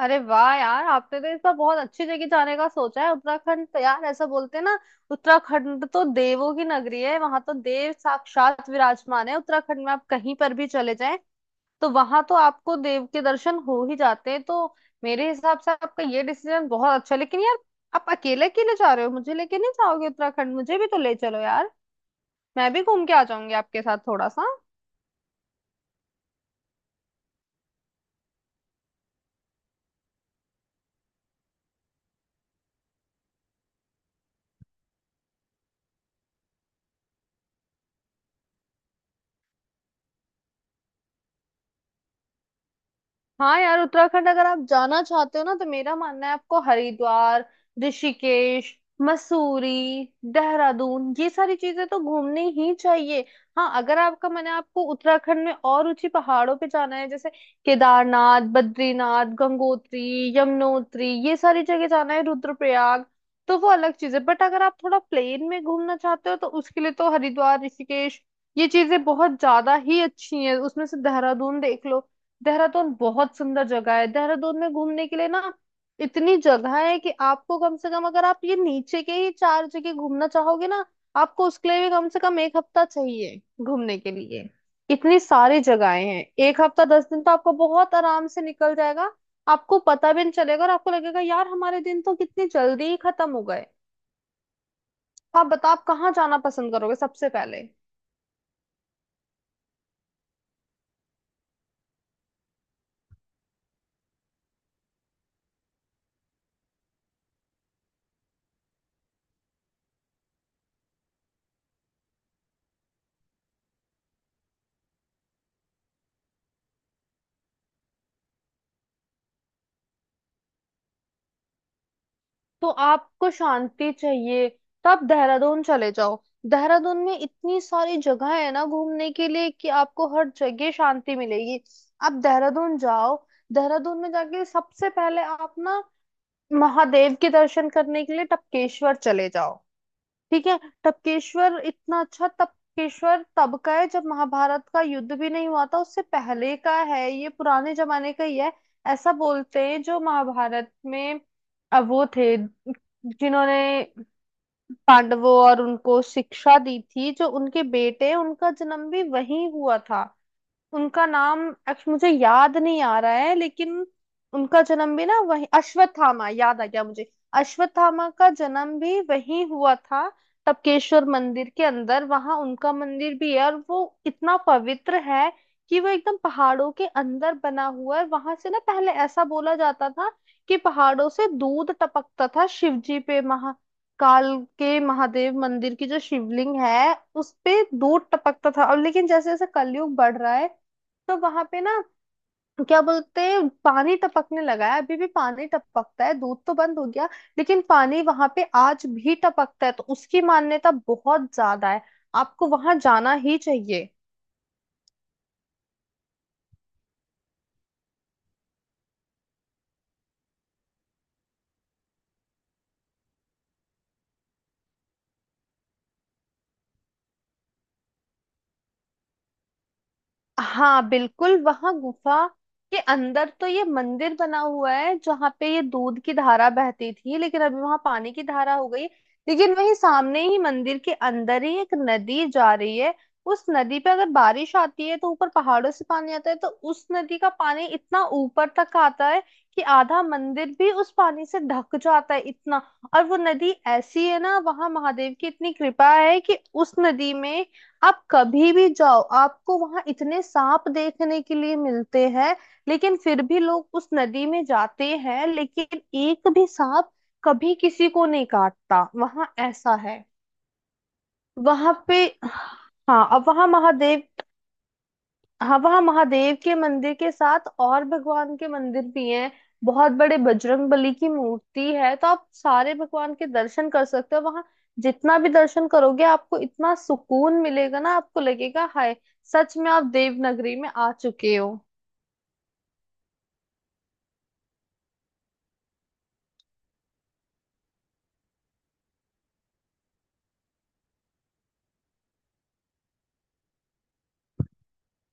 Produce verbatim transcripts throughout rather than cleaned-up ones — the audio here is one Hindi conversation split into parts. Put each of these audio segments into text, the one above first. अरे वाह यार, आपने तो इस बार बहुत अच्छी जगह जाने का सोचा है। उत्तराखंड तो यार ऐसा बोलते हैं ना, उत्तराखंड तो देवों की नगरी है। वहां तो देव साक्षात विराजमान है। उत्तराखंड में आप कहीं पर भी चले जाएं, तो वहां तो आपको देव के दर्शन हो ही जाते हैं। तो मेरे हिसाब से आपका ये डिसीजन बहुत अच्छा है, लेकिन यार आप अकेले अकेले जा रहे हो, मुझे लेके नहीं जाओगे? उत्तराखंड मुझे भी तो ले चलो यार, मैं भी घूम के आ जाऊंगी आपके साथ थोड़ा सा। हाँ यार, उत्तराखंड अगर आप जाना चाहते हो ना, तो मेरा मानना है आपको हरिद्वार, ऋषिकेश, मसूरी, देहरादून, ये सारी चीजें तो घूमनी ही चाहिए। हाँ, अगर आपका मन है आपको उत्तराखंड में और ऊंची पहाड़ों पे जाना है, जैसे केदारनाथ, बद्रीनाथ, गंगोत्री, यमुनोत्री, ये सारी जगह जाना है, रुद्रप्रयाग, तो वो अलग चीज है। बट अगर आप थोड़ा प्लेन में घूमना चाहते हो, तो उसके लिए तो हरिद्वार, ऋषिकेश, ये चीजें बहुत ज्यादा ही अच्छी हैं। उसमें से देहरादून देख लो। देहरादून बहुत सुंदर जगह है। देहरादून में घूमने के लिए ना इतनी जगह है, कि आपको कम से कम अगर आप ये नीचे के ही चार जगह घूमना चाहोगे ना, आपको उसके लिए भी कम से कम एक हफ्ता चाहिए घूमने के लिए। इतनी सारी जगहें हैं, एक हफ्ता दस दिन तो आपको बहुत आराम से निकल जाएगा। आपको पता भी नहीं चलेगा, और आपको लगेगा यार हमारे दिन तो कितनी जल्दी ही खत्म हो गए। आप बताओ आप कहाँ जाना पसंद करोगे सबसे पहले। तो आपको शांति चाहिए, तो आप देहरादून चले जाओ। देहरादून में इतनी सारी जगह है ना घूमने के लिए, कि आपको हर जगह शांति मिलेगी। आप देहरादून जाओ। देहरादून में जाके सबसे पहले आप ना महादेव के दर्शन करने के लिए टपकेश्वर चले जाओ। ठीक है। टपकेश्वर इतना अच्छा, टपकेश्वर तब का है जब महाभारत का युद्ध भी नहीं हुआ था, उससे पहले का है, ये पुराने जमाने का ही है। ऐसा बोलते हैं, जो महाभारत में अ, वो थे, जिन्होंने पांडवों और उनको शिक्षा दी थी, जो उनके बेटे हैं, उनका जन्म भी वहीं हुआ था। उनका नाम एक्चुअली मुझे याद नहीं आ रहा है, लेकिन उनका जन्म भी ना वही, अश्वत्थामा याद आ गया मुझे। अश्वत्थामा का जन्म भी वही हुआ था। टपकेश्वर मंदिर के अंदर वहां उनका मंदिर भी है, और वो इतना पवित्र है कि वो एकदम पहाड़ों के अंदर बना हुआ है। वहां से ना पहले ऐसा बोला जाता था कि पहाड़ों से दूध टपकता था शिव जी पे, महा काल के महादेव मंदिर की जो शिवलिंग है, उस पे दूध टपकता था। अब लेकिन जैसे जैसे कलयुग बढ़ रहा है, तो वहां पे ना, क्या बोलते हैं, पानी टपकने लगा है। अभी भी पानी टपकता है, दूध तो बंद हो गया, लेकिन पानी वहां पे आज भी टपकता है। तो उसकी मान्यता बहुत ज्यादा है, आपको वहां जाना ही चाहिए। हाँ बिल्कुल, वहां गुफा के अंदर तो ये मंदिर बना हुआ है, जहाँ पे ये दूध की धारा बहती थी, लेकिन अभी वहां पानी की धारा हो गई। लेकिन वहीं सामने ही मंदिर के अंदर ही एक नदी जा रही है। उस नदी पे अगर बारिश आती है, तो ऊपर पहाड़ों से पानी आता है, तो उस नदी का पानी इतना ऊपर तक आता है कि आधा मंदिर भी उस पानी से ढक जाता है, इतना। और वो नदी ऐसी है ना, वहां महादेव की इतनी कृपा है कि उस नदी में आप कभी भी जाओ, आपको वहां इतने सांप देखने के लिए मिलते हैं, लेकिन फिर भी लोग उस नदी में जाते हैं, लेकिन एक भी सांप कभी किसी को नहीं काटता, वहां ऐसा है वहां पे। हाँ। अब वहां महादेव हाँ, वहाँ महादेव के मंदिर के साथ और भगवान के मंदिर भी हैं, बहुत बड़े बजरंग बली की मूर्ति है। तो आप सारे भगवान के दर्शन कर सकते हो वहाँ। जितना भी दर्शन करोगे, आपको इतना सुकून मिलेगा ना, आपको लगेगा हाय, सच में आप देवनगरी में आ चुके हो।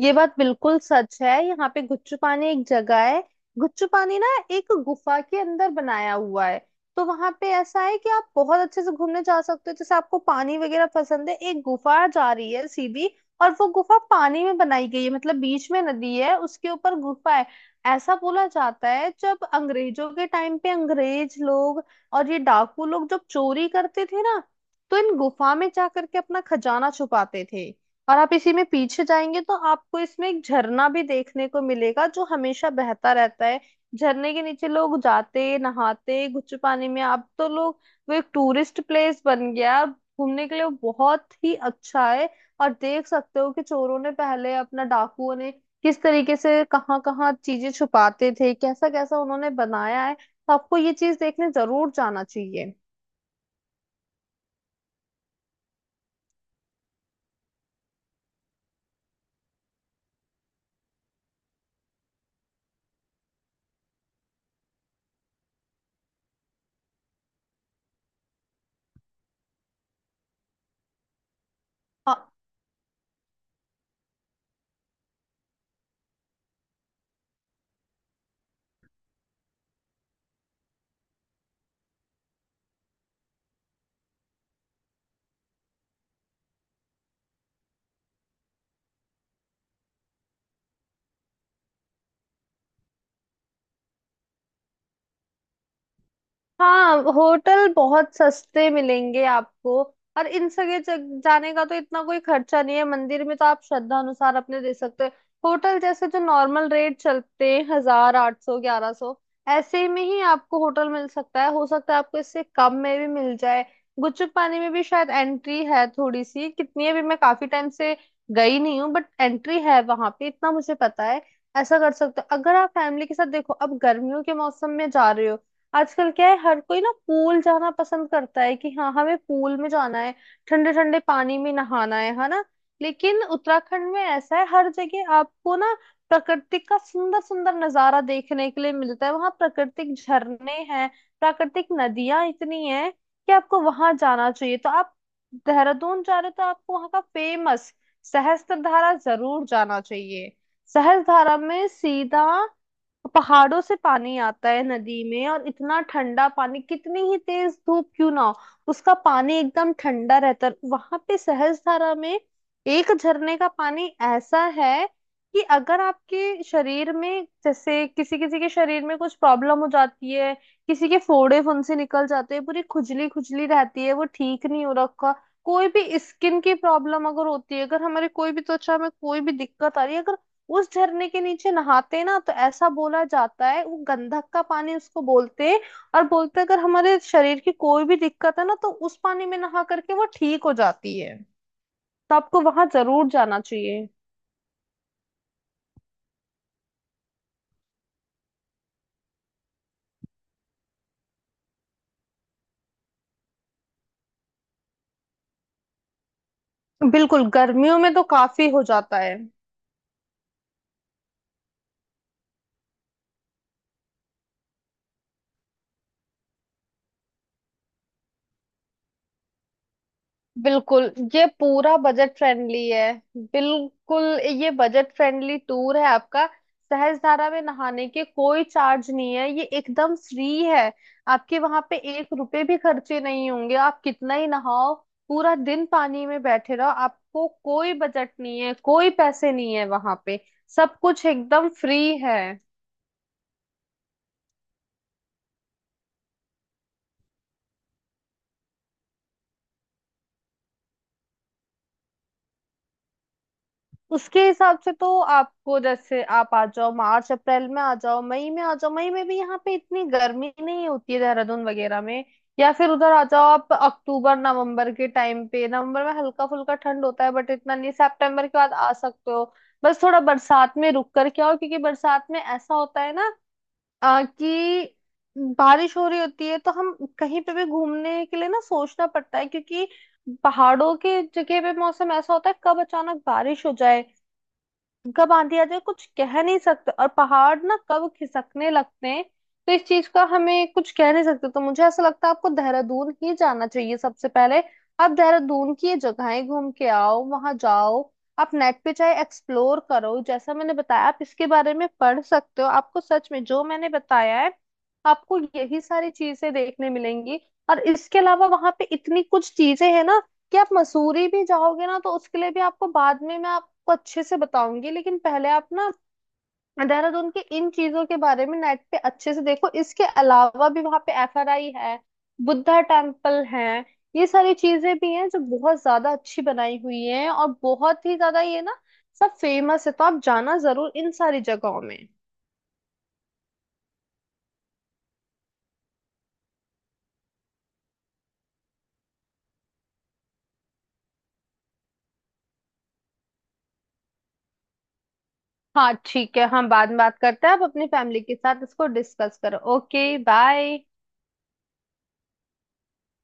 ये बात बिल्कुल सच है, यहाँ पे गुच्चू पानी एक जगह है। गुच्चू पानी ना एक गुफा के अंदर बनाया हुआ है। तो वहां पे ऐसा है कि आप बहुत अच्छे से घूमने जा सकते हो, जैसे आपको पानी वगैरह पसंद है। एक गुफा जा रही है सीधी, और वो गुफा पानी में बनाई गई है, मतलब बीच में नदी है उसके ऊपर गुफा है। ऐसा बोला जाता है, जब अंग्रेजों के टाइम पे अंग्रेज लोग और ये डाकू लोग जब चोरी करते थे ना, तो इन गुफा में जा करके अपना खजाना छुपाते थे। और आप इसी में पीछे जाएंगे, तो आपको इसमें एक झरना भी देखने को मिलेगा, जो हमेशा बहता रहता है। झरने के नीचे लोग जाते नहाते गुच्छे पानी में। अब तो लोग, वो एक टूरिस्ट प्लेस बन गया है। घूमने के लिए वो बहुत ही अच्छा है। और देख सकते हो कि चोरों ने पहले अपना, डाकुओं ने किस तरीके से कहाँ कहाँ चीजें छुपाते थे, कैसा कैसा उन्होंने बनाया है। तो आपको ये चीज देखने जरूर जाना चाहिए। हाँ होटल बहुत सस्ते मिलेंगे आपको, और इन सगे जग- जाने का तो इतना कोई खर्चा नहीं है। मंदिर में तो आप श्रद्धा अनुसार अपने दे सकते हैं। होटल जैसे जो नॉर्मल रेट चलते हैं, हजार, आठ सौ, ग्यारह सौ, ऐसे में ही आपको होटल मिल सकता है। हो सकता है आपको इससे कम में भी मिल जाए। गुपचुप पानी में भी शायद एंट्री है थोड़ी सी, कितनी है भी मैं काफी टाइम से गई नहीं हूँ, बट एंट्री है वहां पे, इतना मुझे पता है। ऐसा कर सकते हो अगर आप फैमिली के साथ, देखो अब गर्मियों के मौसम में जा रहे हो। आजकल क्या है हर कोई ना पूल जाना पसंद करता है, कि हाँ हमें पूल में जाना है, ठंडे ठंडे पानी में नहाना है है ना। लेकिन उत्तराखंड में ऐसा है, हर जगह आपको ना प्रकृति का सुंदर सुंदर नजारा देखने के लिए मिलता है। वहां प्राकृतिक झरने हैं, प्राकृतिक नदियां इतनी हैं कि आपको वहां जाना चाहिए। तो आप देहरादून जा रहे हो, तो आपको वहां का फेमस सहस्त्रधारा जरूर जाना चाहिए। सहस्त्रधारा में सीधा पहाड़ों से पानी आता है नदी में, और इतना ठंडा पानी, कितनी ही तेज धूप क्यों ना हो, उसका पानी एकदम ठंडा रहता है। वहां पे सहस्त्रधारा में एक झरने का पानी ऐसा है कि अगर आपके शरीर में, जैसे किसी किसी के शरीर में कुछ प्रॉब्लम हो जाती है, किसी के फोड़े फुंसी निकल जाते हैं, पूरी खुजली खुजली रहती है, वो ठीक नहीं हो रखा, कोई भी स्किन की प्रॉब्लम अगर होती है, अगर हमारे कोई भी त्वचा में कोई भी दिक्कत आ रही है, अगर उस झरने के नीचे नहाते ना, तो ऐसा बोला जाता है वो गंधक का पानी उसको बोलते हैं। और बोलते हैं, अगर हमारे शरीर की कोई भी दिक्कत है ना, तो उस पानी में नहा करके वो ठीक हो जाती है। तो आपको वहां जरूर जाना चाहिए। बिल्कुल, गर्मियों में तो काफी हो जाता है। बिल्कुल, ये पूरा बजट फ्रेंडली है। बिल्कुल, ये बजट फ्रेंडली टूर है आपका। सहस्त्रधारा में नहाने के कोई चार्ज नहीं है, ये एकदम फ्री है। आपके वहां पे एक रुपए भी खर्चे नहीं होंगे, आप कितना ही नहाओ, पूरा दिन पानी में बैठे रहो, आपको कोई बजट नहीं है, कोई पैसे नहीं है वहां पे, सब कुछ एकदम फ्री है। उसके हिसाब से तो आपको, जैसे आप आ जाओ मार्च अप्रैल में, आ जाओ मई में, आ जाओ मई में भी यहाँ पे इतनी गर्मी नहीं होती है देहरादून वगैरह में। या फिर उधर आ जाओ आप अक्टूबर नवंबर के टाइम पे, नवंबर में हल्का फुल्का ठंड होता है बट इतना नहीं, सितंबर के बाद आ सकते हो। बस थोड़ा बरसात में रुक कर के आओ, क्योंकि बरसात में ऐसा होता है ना, आ, कि बारिश हो रही होती है, तो हम कहीं पे भी घूमने के लिए ना सोचना पड़ता है, क्योंकि पहाड़ों के जगह पे मौसम ऐसा होता है, कब अचानक बारिश हो जाए, कब आंधी आ जाए, कुछ कह नहीं सकते। और पहाड़ ना कब खिसकने लगते हैं, तो इस चीज का हमें कुछ कह नहीं सकते। तो मुझे ऐसा लगता है, आपको देहरादून ही जाना चाहिए सबसे पहले। आप देहरादून की ये जगहें घूम के आओ, वहां जाओ। आप नेट पे चाहे एक्सप्लोर करो, जैसा मैंने बताया आप इसके बारे में पढ़ सकते हो, आपको सच में जो मैंने बताया है आपको यही सारी चीजें देखने मिलेंगी। और इसके अलावा वहां पे इतनी कुछ चीजें हैं ना, कि आप मसूरी भी जाओगे ना, तो उसके लिए भी आपको बाद में मैं आपको अच्छे से बताऊंगी, लेकिन पहले आप ना देहरादून के इन चीजों के बारे में नेट पे अच्छे से देखो। इसके अलावा भी वहां पे एफ आर आई है, बुद्धा टेम्पल है, ये सारी चीजें भी हैं जो बहुत ज्यादा अच्छी बनाई हुई हैं, और बहुत ही ज्यादा ये ना सब फेमस है, तो आप जाना जरूर इन सारी जगहों में। हाँ ठीक है, हम बाद में बात करते हैं, आप अपनी फैमिली के साथ इसको डिस्कस करो। Okay, bye.